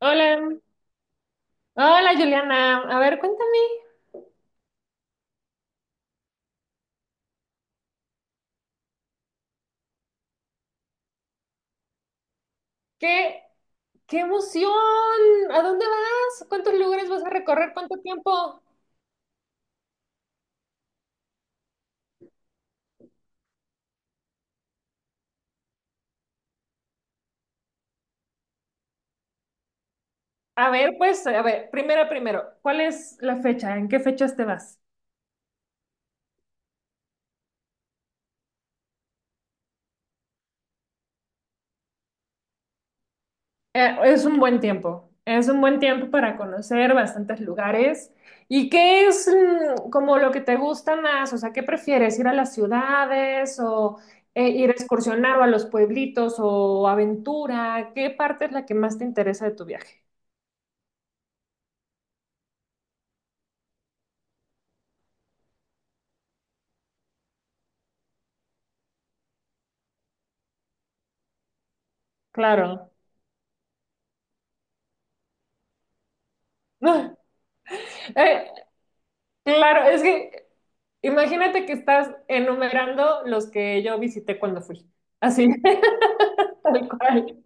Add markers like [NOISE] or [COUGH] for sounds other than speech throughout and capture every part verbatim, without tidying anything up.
Hola, hola Juliana. A ver, cuéntame, ¿qué, qué emoción? ¿A dónde vas? ¿Cuántos lugares vas a recorrer? ¿Cuánto tiempo? A ver, pues, a ver, primero, primero, ¿cuál es la fecha? ¿En qué fechas te vas? Eh, es un buen tiempo, es un buen tiempo para conocer bastantes lugares. ¿Y qué es mm, como lo que te gusta más? O sea, ¿qué prefieres? ¿Ir a las ciudades o eh, ir a excursionar o a los pueblitos o aventura? ¿Qué parte es la que más te interesa de tu viaje? Claro. [LAUGHS] Eh, claro, es que imagínate que estás enumerando los que yo visité cuando fui. Así, [LAUGHS] tal cual.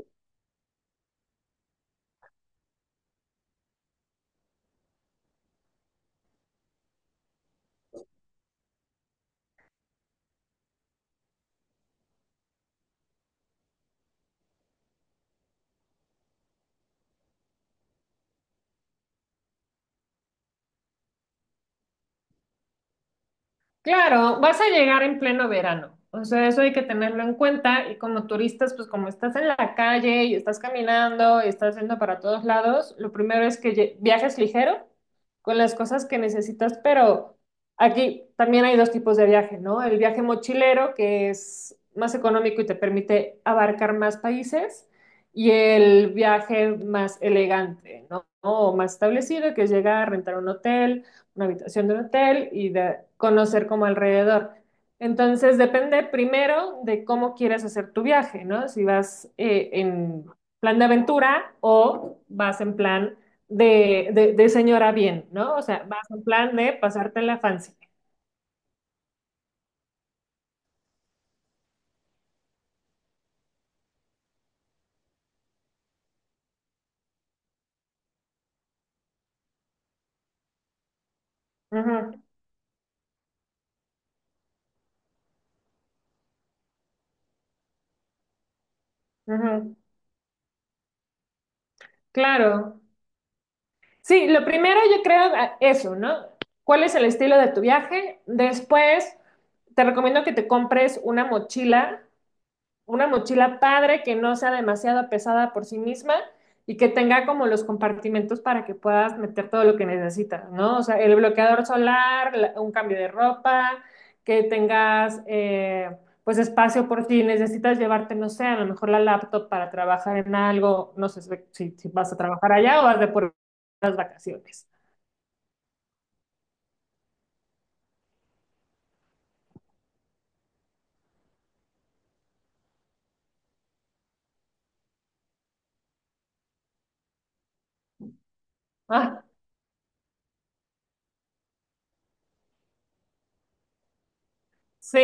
Claro, vas a llegar en pleno verano, o sea, eso hay que tenerlo en cuenta y como turistas, pues como estás en la calle y estás caminando y estás yendo para todos lados, lo primero es que lle- viajes ligero con las cosas que necesitas, pero aquí también hay dos tipos de viaje, ¿no? El viaje mochilero, que es más económico y te permite abarcar más países, y el viaje más elegante, ¿no? O más establecido, que es llegar, rentar un hotel una habitación de un hotel y de conocer como alrededor. Entonces, depende primero de cómo quieres hacer tu viaje, ¿no? Si vas eh, en plan de aventura o vas en plan de, de, de señora bien, ¿no? O sea, vas en plan de pasarte la fancy. Ujú, ujú. Claro. Sí, lo primero yo creo ah, eso, ¿no? ¿Cuál es el estilo de tu viaje? Después, te recomiendo que te compres una mochila una mochila padre que no sea demasiado pesada por sí misma y que tenga como los compartimentos para que puedas meter todo lo que necesitas, ¿no? O sea, el bloqueador solar, un cambio de ropa, que tengas eh, pues espacio por si necesitas llevarte, no sé, a lo mejor la laptop para trabajar en algo, no sé si, si vas a trabajar allá o vas de por las vacaciones. Ah, sí.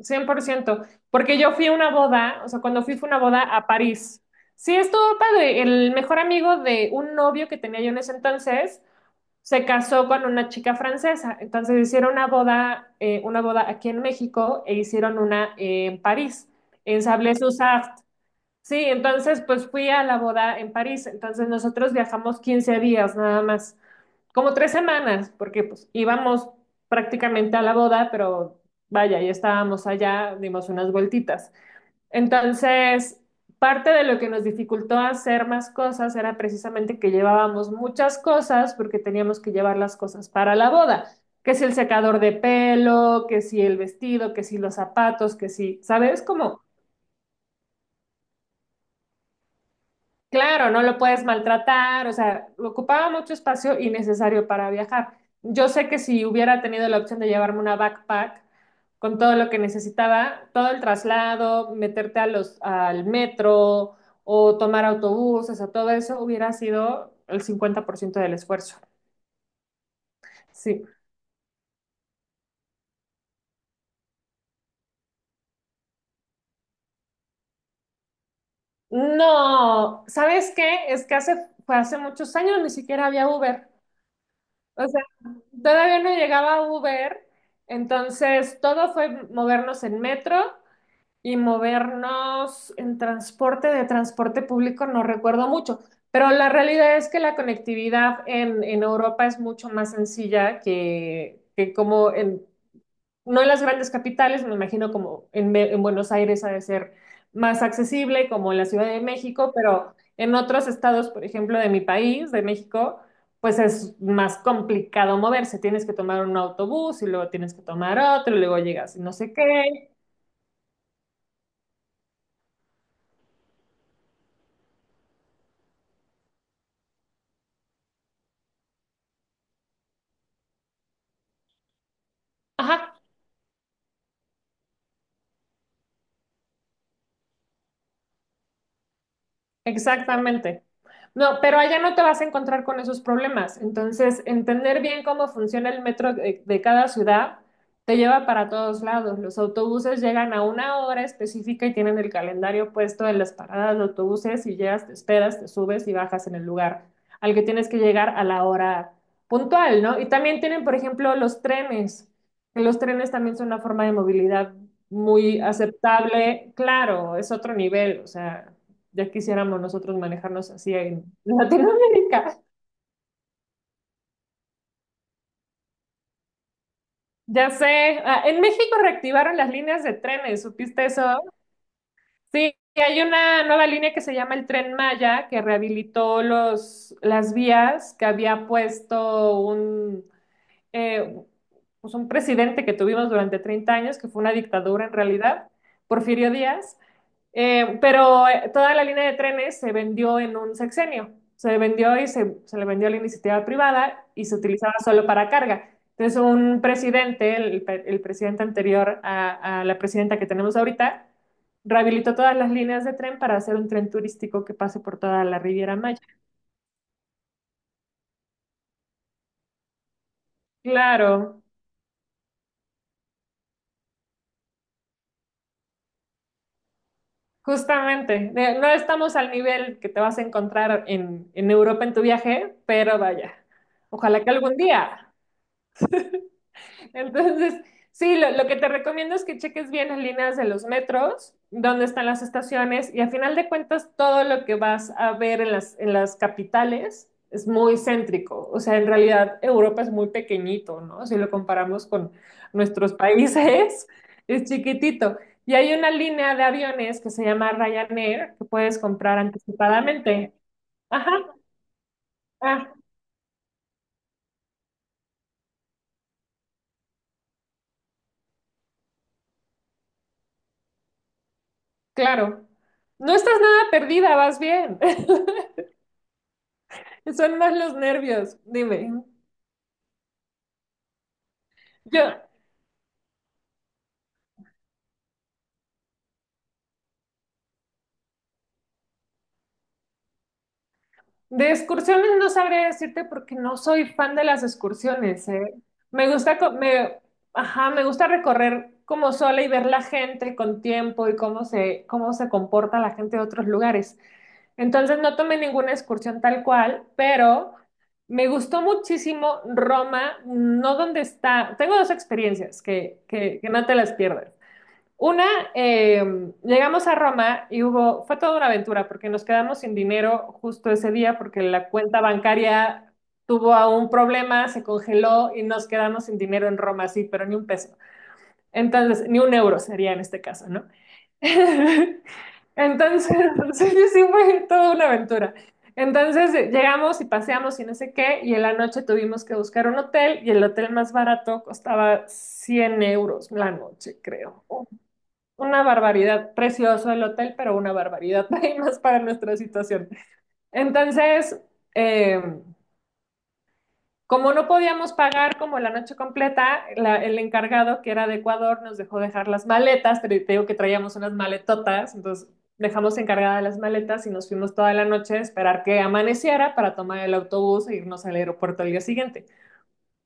Cien por ciento porque yo fui a una boda, o sea, cuando fui fue una boda a París. Sí, estuvo padre. El mejor amigo de un novio que tenía yo en ese entonces se casó con una chica francesa. Entonces hicieron una boda, eh, una boda aquí en México e hicieron una eh, en París, en Sablé-Sous-Sarthe. Sí, entonces pues fui a la boda en París. Entonces nosotros viajamos quince días nada más como tres semanas, porque pues íbamos prácticamente a la boda, pero vaya, ya estábamos allá, dimos unas vueltitas. Entonces, parte de lo que nos dificultó hacer más cosas era precisamente que llevábamos muchas cosas porque teníamos que llevar las cosas para la boda, que si el secador de pelo, que si el vestido, que si los zapatos, que si, ¿sabes? Como claro, no lo puedes maltratar, o sea, ocupaba mucho espacio innecesario para viajar. Yo sé que si hubiera tenido la opción de llevarme una backpack con todo lo que necesitaba, todo el traslado, meterte a los, al metro o tomar autobuses, o todo eso hubiera sido el cincuenta por ciento del esfuerzo. Sí. No, ¿sabes qué? Es que hace, fue hace muchos años ni siquiera había Uber. O sea, todavía no llegaba Uber, entonces todo fue movernos en metro y movernos en transporte, de transporte público no recuerdo mucho, pero la realidad es que la conectividad en, en Europa es mucho más sencilla que, que como en, no en las grandes capitales, me imagino como en, Be- en Buenos Aires ha de ser más accesible, como en la Ciudad de México, pero en otros estados, por ejemplo, de mi país, de México, pues es más complicado moverse. Tienes que tomar un autobús y luego tienes que tomar otro y luego llegas y no sé qué. Ajá, exactamente. No, pero allá no te vas a encontrar con esos problemas. Entonces, entender bien cómo funciona el metro de, de cada ciudad te lleva para todos lados. Los autobuses llegan a una hora específica y tienen el calendario puesto en las paradas de autobuses y llegas, te esperas, te subes y bajas en el lugar al que tienes que llegar a la hora puntual, ¿no? Y también tienen, por ejemplo, los trenes. Que Los trenes también son una forma de movilidad muy aceptable. Claro, es otro nivel, o sea. Ya quisiéramos nosotros manejarnos así en [LAUGHS] Latinoamérica. Ya sé, ah, en México reactivaron las líneas de trenes, ¿supiste eso? Sí, y hay una nueva línea que se llama el Tren Maya, que rehabilitó los, las vías que había puesto un, eh, pues un presidente que tuvimos durante treinta años, que fue una dictadura en realidad, Porfirio Díaz. Eh, pero eh, toda la línea de trenes se vendió en un sexenio. Se vendió y se, se le vendió a la iniciativa privada y se utilizaba solo para carga. Entonces, un presidente, el, pe- el presidente anterior a, a la presidenta que tenemos ahorita, rehabilitó todas las líneas de tren para hacer un tren turístico que pase por toda la Riviera Maya. Claro, justamente. De- No estamos al nivel que te vas a encontrar en, en Europa en tu viaje, pero vaya, ojalá que algún día. Entonces, sí, lo, lo que te recomiendo es que cheques bien las líneas de los metros, dónde están las estaciones y a final de cuentas todo lo que vas a ver en las, en las capitales es muy céntrico. O sea, en realidad Europa es muy pequeñito, ¿no? Si lo comparamos con nuestros países, [LAUGHS] es chiquitito. Y hay una línea de aviones que se llama Ryanair que puedes comprar anticipadamente. Ajá, ah, claro. No estás nada perdida, vas bien. [LAUGHS] Son más los nervios, dime. Yo de excursiones no sabría decirte porque no soy fan de las excursiones, ¿eh? Me gusta, co- me, ajá, me gusta recorrer como sola y ver la gente con tiempo y cómo se, cómo se comporta la gente de otros lugares. Entonces no tomé ninguna excursión tal cual, pero me gustó muchísimo Roma, no donde está. Tengo dos experiencias que, que, que no te las pierdas. Una, eh, llegamos a Roma y hubo, fue toda una aventura porque nos quedamos sin dinero justo ese día porque la cuenta bancaria tuvo a un problema, se congeló y nos quedamos sin dinero en Roma, sí, pero ni un peso. Entonces, ni un euro sería en este caso, ¿no? [LAUGHS] Entonces, sí, sí, fue toda una aventura. Entonces eh, llegamos y paseamos y no sé qué, y en la noche tuvimos que buscar un hotel y el hotel más barato costaba cien euros la noche, creo. Una barbaridad, precioso el hotel, pero una barbaridad, [LAUGHS] hay más para nuestra situación. Entonces, eh, como no podíamos pagar como la noche completa, la- el encargado que era de Ecuador nos dejó dejar las maletas, te, digo que traíamos unas maletotas, entonces dejamos encargadas las maletas y nos fuimos toda la noche a esperar que amaneciera para tomar el autobús e irnos al aeropuerto al día siguiente.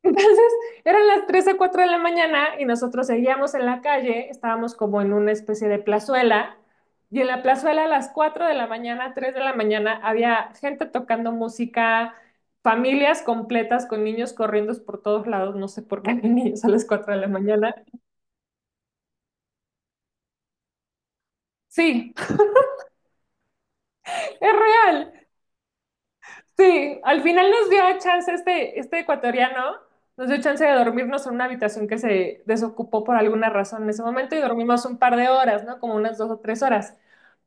Entonces, eran las tres a cuatro de la mañana y nosotros seguíamos en la calle, estábamos como en una especie de plazuela, y en la plazuela a las cuatro de la mañana, tres de la mañana, había gente tocando música, familias completas con niños corriendo por todos lados, no sé por qué [LAUGHS] hay niños a las cuatro de la mañana. Sí, [LAUGHS] es real. Sí, al final nos dio chance este, este ecuatoriano, nos dio chance de dormirnos en una habitación que se desocupó por alguna razón en ese momento y dormimos un par de horas, ¿no? Como unas dos o tres horas.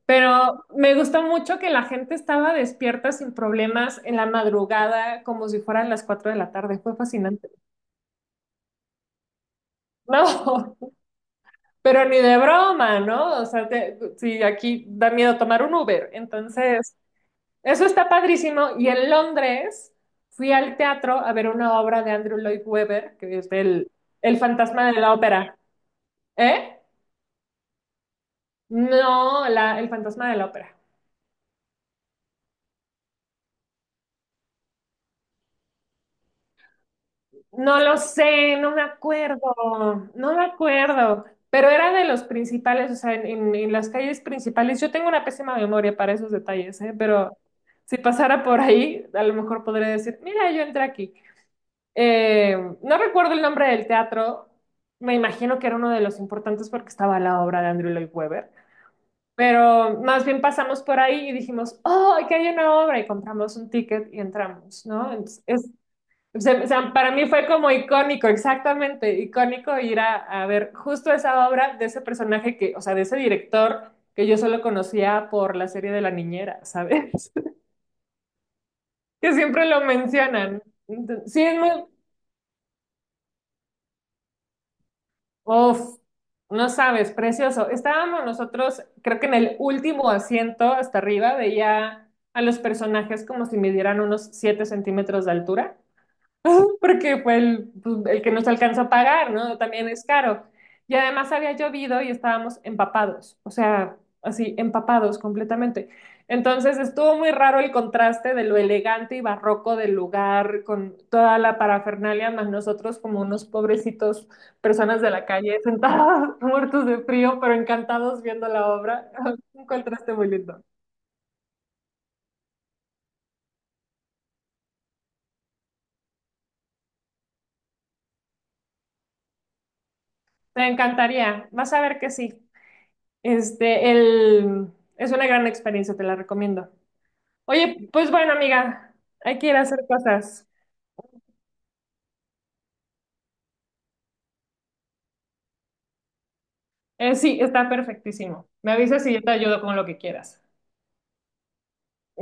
Pero me gustó mucho que la gente estaba despierta sin problemas en la madrugada, como si fueran las cuatro de la tarde. Fue fascinante. No, [LAUGHS] pero ni de broma, ¿no? O sea, te- sí, aquí da miedo tomar un Uber. Entonces, eso está padrísimo. Y en Londres fui al teatro a ver una obra de Andrew Lloyd Webber, que es el, el fantasma de la ópera. ¿Eh? No, la- el fantasma de la ópera. No lo sé, no me acuerdo, no me acuerdo. Pero era de los principales, o sea, en, en- en las calles principales. Yo tengo una pésima memoria para esos detalles, ¿eh? Pero si pasara por ahí, a lo mejor podría decir, mira, yo entré aquí. Eh, no recuerdo el nombre del teatro, me imagino que era uno de los importantes porque estaba la obra de Andrew Lloyd Webber, pero más bien pasamos por ahí y dijimos, oh, aquí hay una obra y compramos un ticket y entramos, ¿no? Entonces, es- o sea, o sea, para mí fue como icónico, exactamente, icónico ir a, a ver justo esa obra de ese personaje que, o sea, de ese director que yo solo conocía por la serie de La Niñera, ¿sabes? [LAUGHS] Que siempre lo mencionan. Entonces, sí, es muy, uf, no sabes, precioso. Estábamos nosotros, creo que en el último asiento hasta arriba, veía a los personajes como si midieran unos siete centímetros de altura. [LAUGHS] Porque fue el, pues, el que nos alcanzó a pagar, ¿no? También es caro. Y además había llovido y estábamos empapados, o sea, así, empapados completamente. Entonces estuvo muy raro el contraste de lo elegante y barroco del lugar con toda la parafernalia, más nosotros como unos pobrecitos personas de la calle sentados [LAUGHS] muertos de frío, pero encantados viendo la obra. [LAUGHS] Un contraste muy lindo. Te encantaría, vas a ver que sí. Este, el, es una gran experiencia, te la recomiendo. Oye, pues bueno, amiga, hay que ir a hacer cosas. Eh, sí, está perfectísimo. Me avisas y yo te ayudo con lo que quieras.